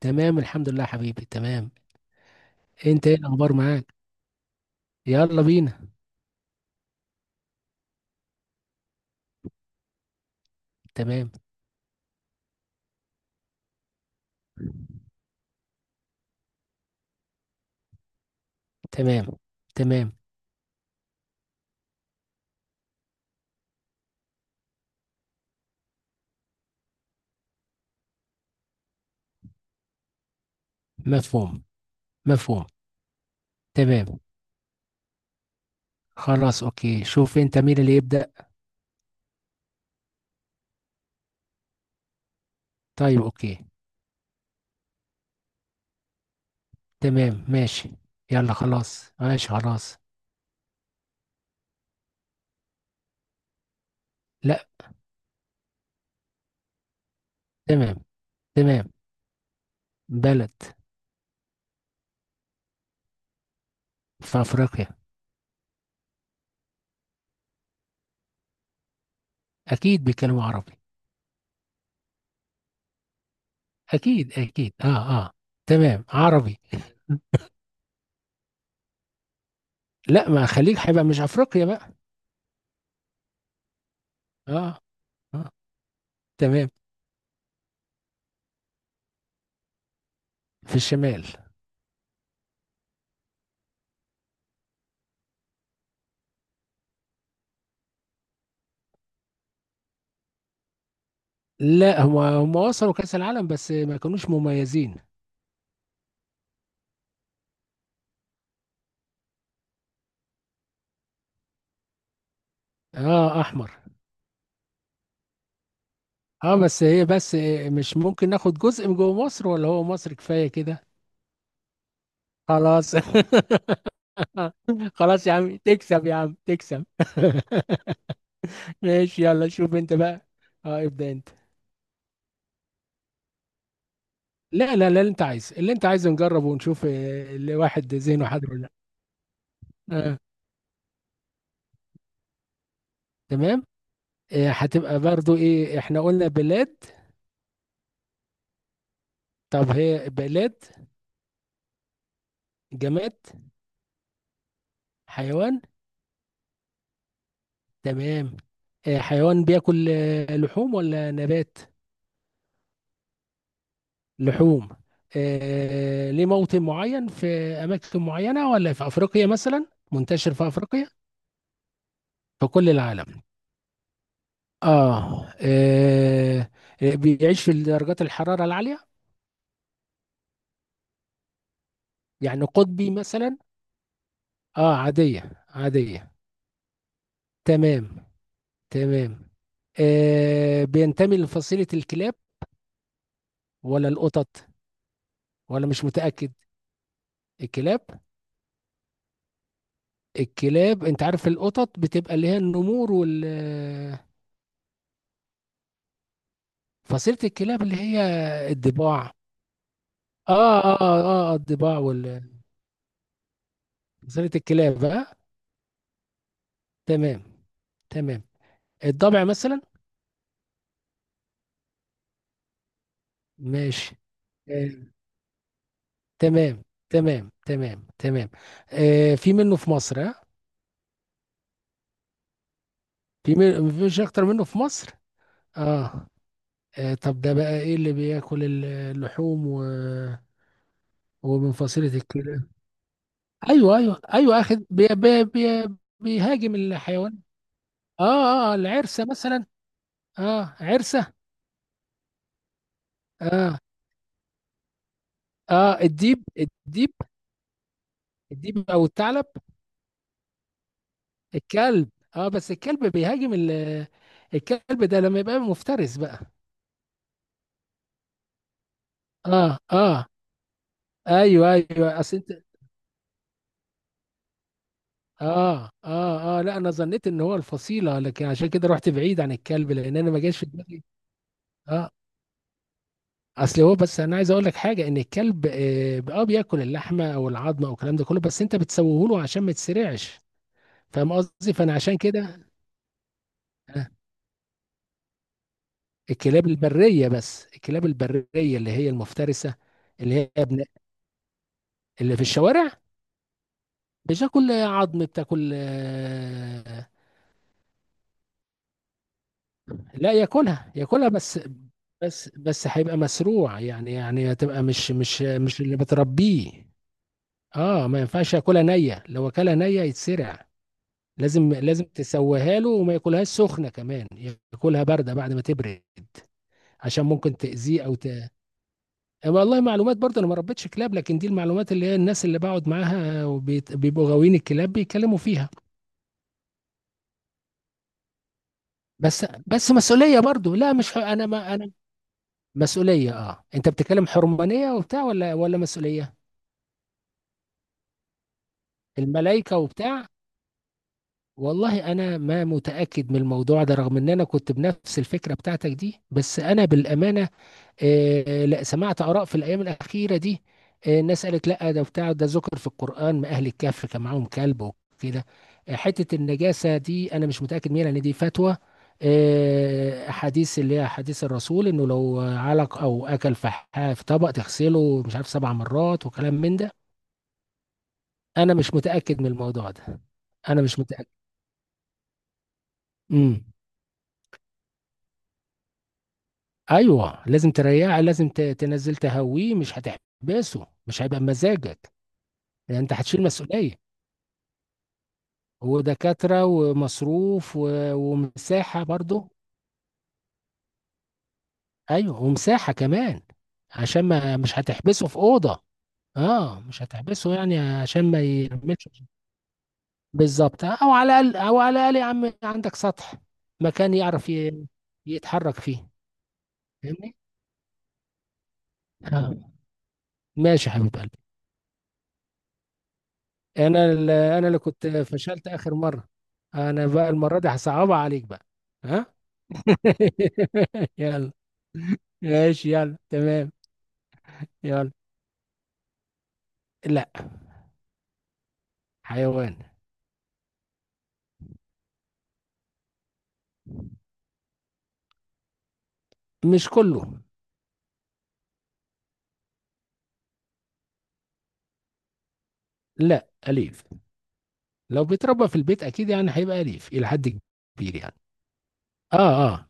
تمام، الحمد لله يا حبيبي، تمام. انت، ايه الاخبار معاك؟ يلا بينا. تمام. تمام. تمام. مفهوم. مفهوم. تمام. خلاص، اوكي، شوف انت مين اللي يبدأ. طيب، اوكي. تمام، ماشي. يلا خلاص، ماشي خلاص. لا. تمام. تمام. بلد. في افريقيا. اكيد بيتكلموا عربي. اكيد اكيد، اه، اه. تمام، عربي. لا، ما خليك، هيبقى مش افريقيا بقى. اه، اه. تمام. في الشمال. لا، هم وصلوا كأس العالم بس ما كانوش مميزين. اه، احمر. اه، بس هي بس إيه، مش ممكن ناخد جزء من جوه مصر، ولا هو مصر كفاية كده؟ خلاص خلاص يا عم تكسب، يا عم تكسب. ماشي، يلا شوف انت بقى. اه، ابدأ انت. لا لا لا، اللي انت عايزه نجربه ونشوف، اللي واحد ذهنه حاضر ولا لا. آه. تمام. هتبقى برضو ايه، احنا قلنا بلاد. طب هي بلاد. جماد. حيوان. تمام. حيوان بياكل لحوم ولا نبات؟ لحوم. ليه موطن معين في أماكن معينة، ولا في أفريقيا مثلا منتشر في أفريقيا؟ في كل العالم. آه، آه. بيعيش في درجات الحرارة العالية، يعني قطبي مثلا؟ آه، عادية عادية. تمام. تمام. بينتمي لفصيلة الكلاب ولا القطط، ولا مش متأكد؟ الكلاب. الكلاب، انت عارف القطط بتبقى اللي هي النمور فصيلة الكلاب اللي هي الضباع. اه، اه، اه، الضباع فصيلة الكلاب، اه. تمام. تمام. الضبع مثلا. ماشي. آه. تمام. تمام. تمام. تمام. في منه في مصر، اه. مفيش اكتر منه في مصر. اه. طب ده بقى ايه اللي بياكل اللحوم ومن فصيلة الكلاب؟ ايوه، ايوه، ايوه، اخد بي بيهاجم الحيوان. اه، اه، العرسه مثلا. اه، عرسه. اه اه. الديب الديب او الثعلب. الكلب. اه، بس الكلب بيهاجم الكلب ده لما يبقى مفترس بقى. اه، اه. ايوه، ايوه، اصل انت. اه، اه، اه، لا، انا ظنيت ان هو الفصيله، لكن عشان كده رحت بعيد عن الكلب لان انا ما جاش في دماغي. اه. اصل هو، بس انا عايز اقول لك حاجه، ان الكلب بياكل اللحمه او العظمه او الكلام ده كله، بس انت بتسويه له عشان ما يتسرعش. فاهم قصدي، فانا عشان كده آه، الكلاب البريه اللي هي المفترسه. اللي هي ابن، اللي في الشوارع. بتاكل عظم، بتاكل لا، ياكلها ياكلها بس. بس هيبقى مسروع، يعني هتبقى مش اللي بتربيه. اه، ما ينفعش ياكلها نيه، لو اكلها نيه يتسرع. لازم تسويها له، وما ياكلهاش سخنه كمان، ياكلها بارده بعد ما تبرد. عشان ممكن تاذيه او والله معلومات، برضه انا ما ربيتش كلاب، لكن دي المعلومات اللي هي الناس اللي بقعد معاها وبيبقوا غاويين الكلاب بيتكلموا فيها. بس مسؤوليه برضه، لا، مش ح... انا ما انا مسؤوليه. اه، انت بتتكلم حرمانيه وبتاع، ولا مسؤوليه؟ الملائكه وبتاع. والله انا ما متاكد من الموضوع ده، رغم ان انا كنت بنفس الفكره بتاعتك دي، بس انا بالامانه لا، سمعت آراء في الأيام الأخيرة دي. الناس قالت لا، ده بتاع، ده ذكر في القرآن، ما أهل الكهف كان معاهم كلب وكده. حتة النجاسة دي أنا مش متأكد منها، لأن دي فتوى. حديث، اللي هي حديث الرسول، إنه لو علق أو أكل فحاء في طبق تغسله مش عارف سبع مرات وكلام من ده. أنا مش متأكد من الموضوع ده. أنا مش متأكد. امم. أيوه، لازم تريحه، لازم تنزل تهويه، مش هتحبسه، مش هيبقى بمزاجك. لأن أنت هتشيل مسؤولية، ودكاترة ومصروف ومساحة برضو. ايوه، ومساحة كمان، عشان ما مش هتحبسه في أوضة. اه، مش هتحبسه يعني عشان ما يرملش. بالظبط، او على الاقل يا عم، عندك سطح، مكان يعرف يتحرك فيه. فاهمني؟ آه. ماشي يا حبيب قلبي. انا اللي كنت فشلت اخر مرة. انا بقى المرة دي هصعبها عليك بقى. ها. يلا. ماشي، يلا تمام. يلا. حيوان. مش كله. لا، أليف. لو بيتربى في البيت أكيد، يعني هيبقى أليف إلى حد كبير يعني. آه، آه،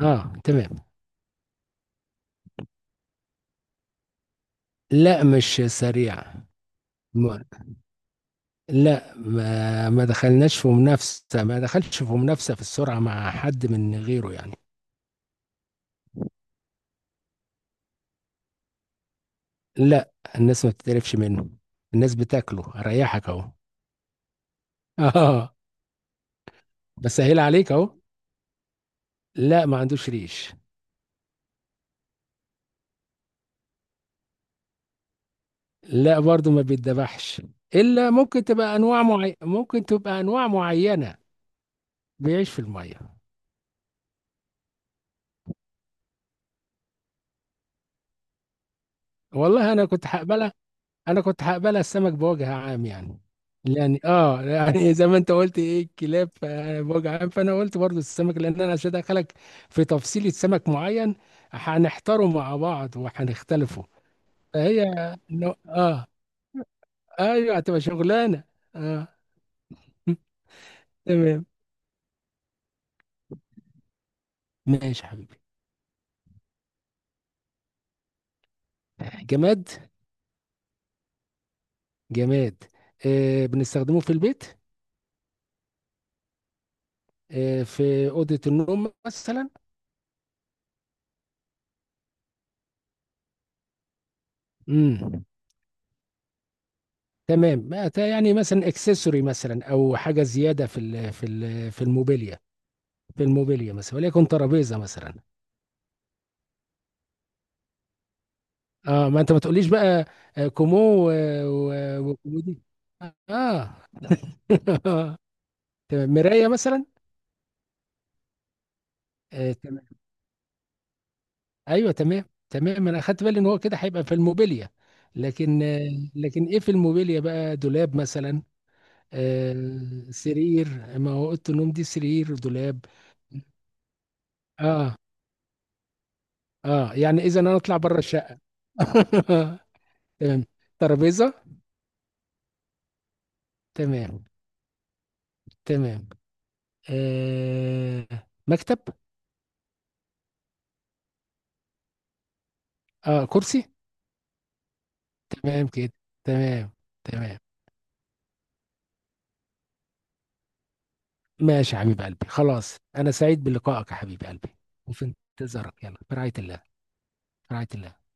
آه، تمام. لا، مش سريع. م- لا، ما دخلش في منافسة في السرعة مع حد من غيره يعني. لا، الناس ما بتتقرفش منه، الناس بتاكله، أريحك أهو. آه. بسهل عليك أهو. لا، ما عندوش ريش. لا، برضو ما بيتذبحش. الا ممكن تبقى ممكن تبقى انواع معينه. بيعيش في الميه. والله انا كنت هقبلها، انا كنت هقبلها السمك بوجه عام يعني. زي ما انت قلت ايه الكلاب بوجه عام، فانا قلت برضو السمك، لان انا عشان ادخلك في تفصيلة سمك معين، هنحتاره مع بعض وهنختلفه. فهي اه، ايوه، هتبقى شغلانه. اه. تمام. ماشي يا حبيبي. جماد. جماد. بنستخدمه في البيت. في أوضة النوم مثلا. امم. تمام. يعني مثلا اكسسوري مثلا، او حاجة زيادة في الموبيليا. في الموبيليا مثلا، وليكن ترابيزة مثلا. اه، ما انت ما تقوليش بقى. كومو و- وكومودي. اه. تمام، مراية مثلا. آه، تمام. ايوه، تمام تمام، انا اخدت بالي ان هو كده هيبقى في الموبيليا، لكن لكن ايه في الموبيليا بقى، دولاب مثلا. سرير، ما هو اوضه النوم دي سرير دولاب. اه، اه، يعني اذا انا اطلع بره الشقه. تمام. ترابيزه. تمام. تمام. آه مكتب. اه، كرسي. تمام كده. تمام. تمام. ماشي يا حبيب قلبي، خلاص، انا سعيد بلقائك يا حبيب قلبي. وفي انتظارك، يلا، في رعايه الله. في رعايه الله.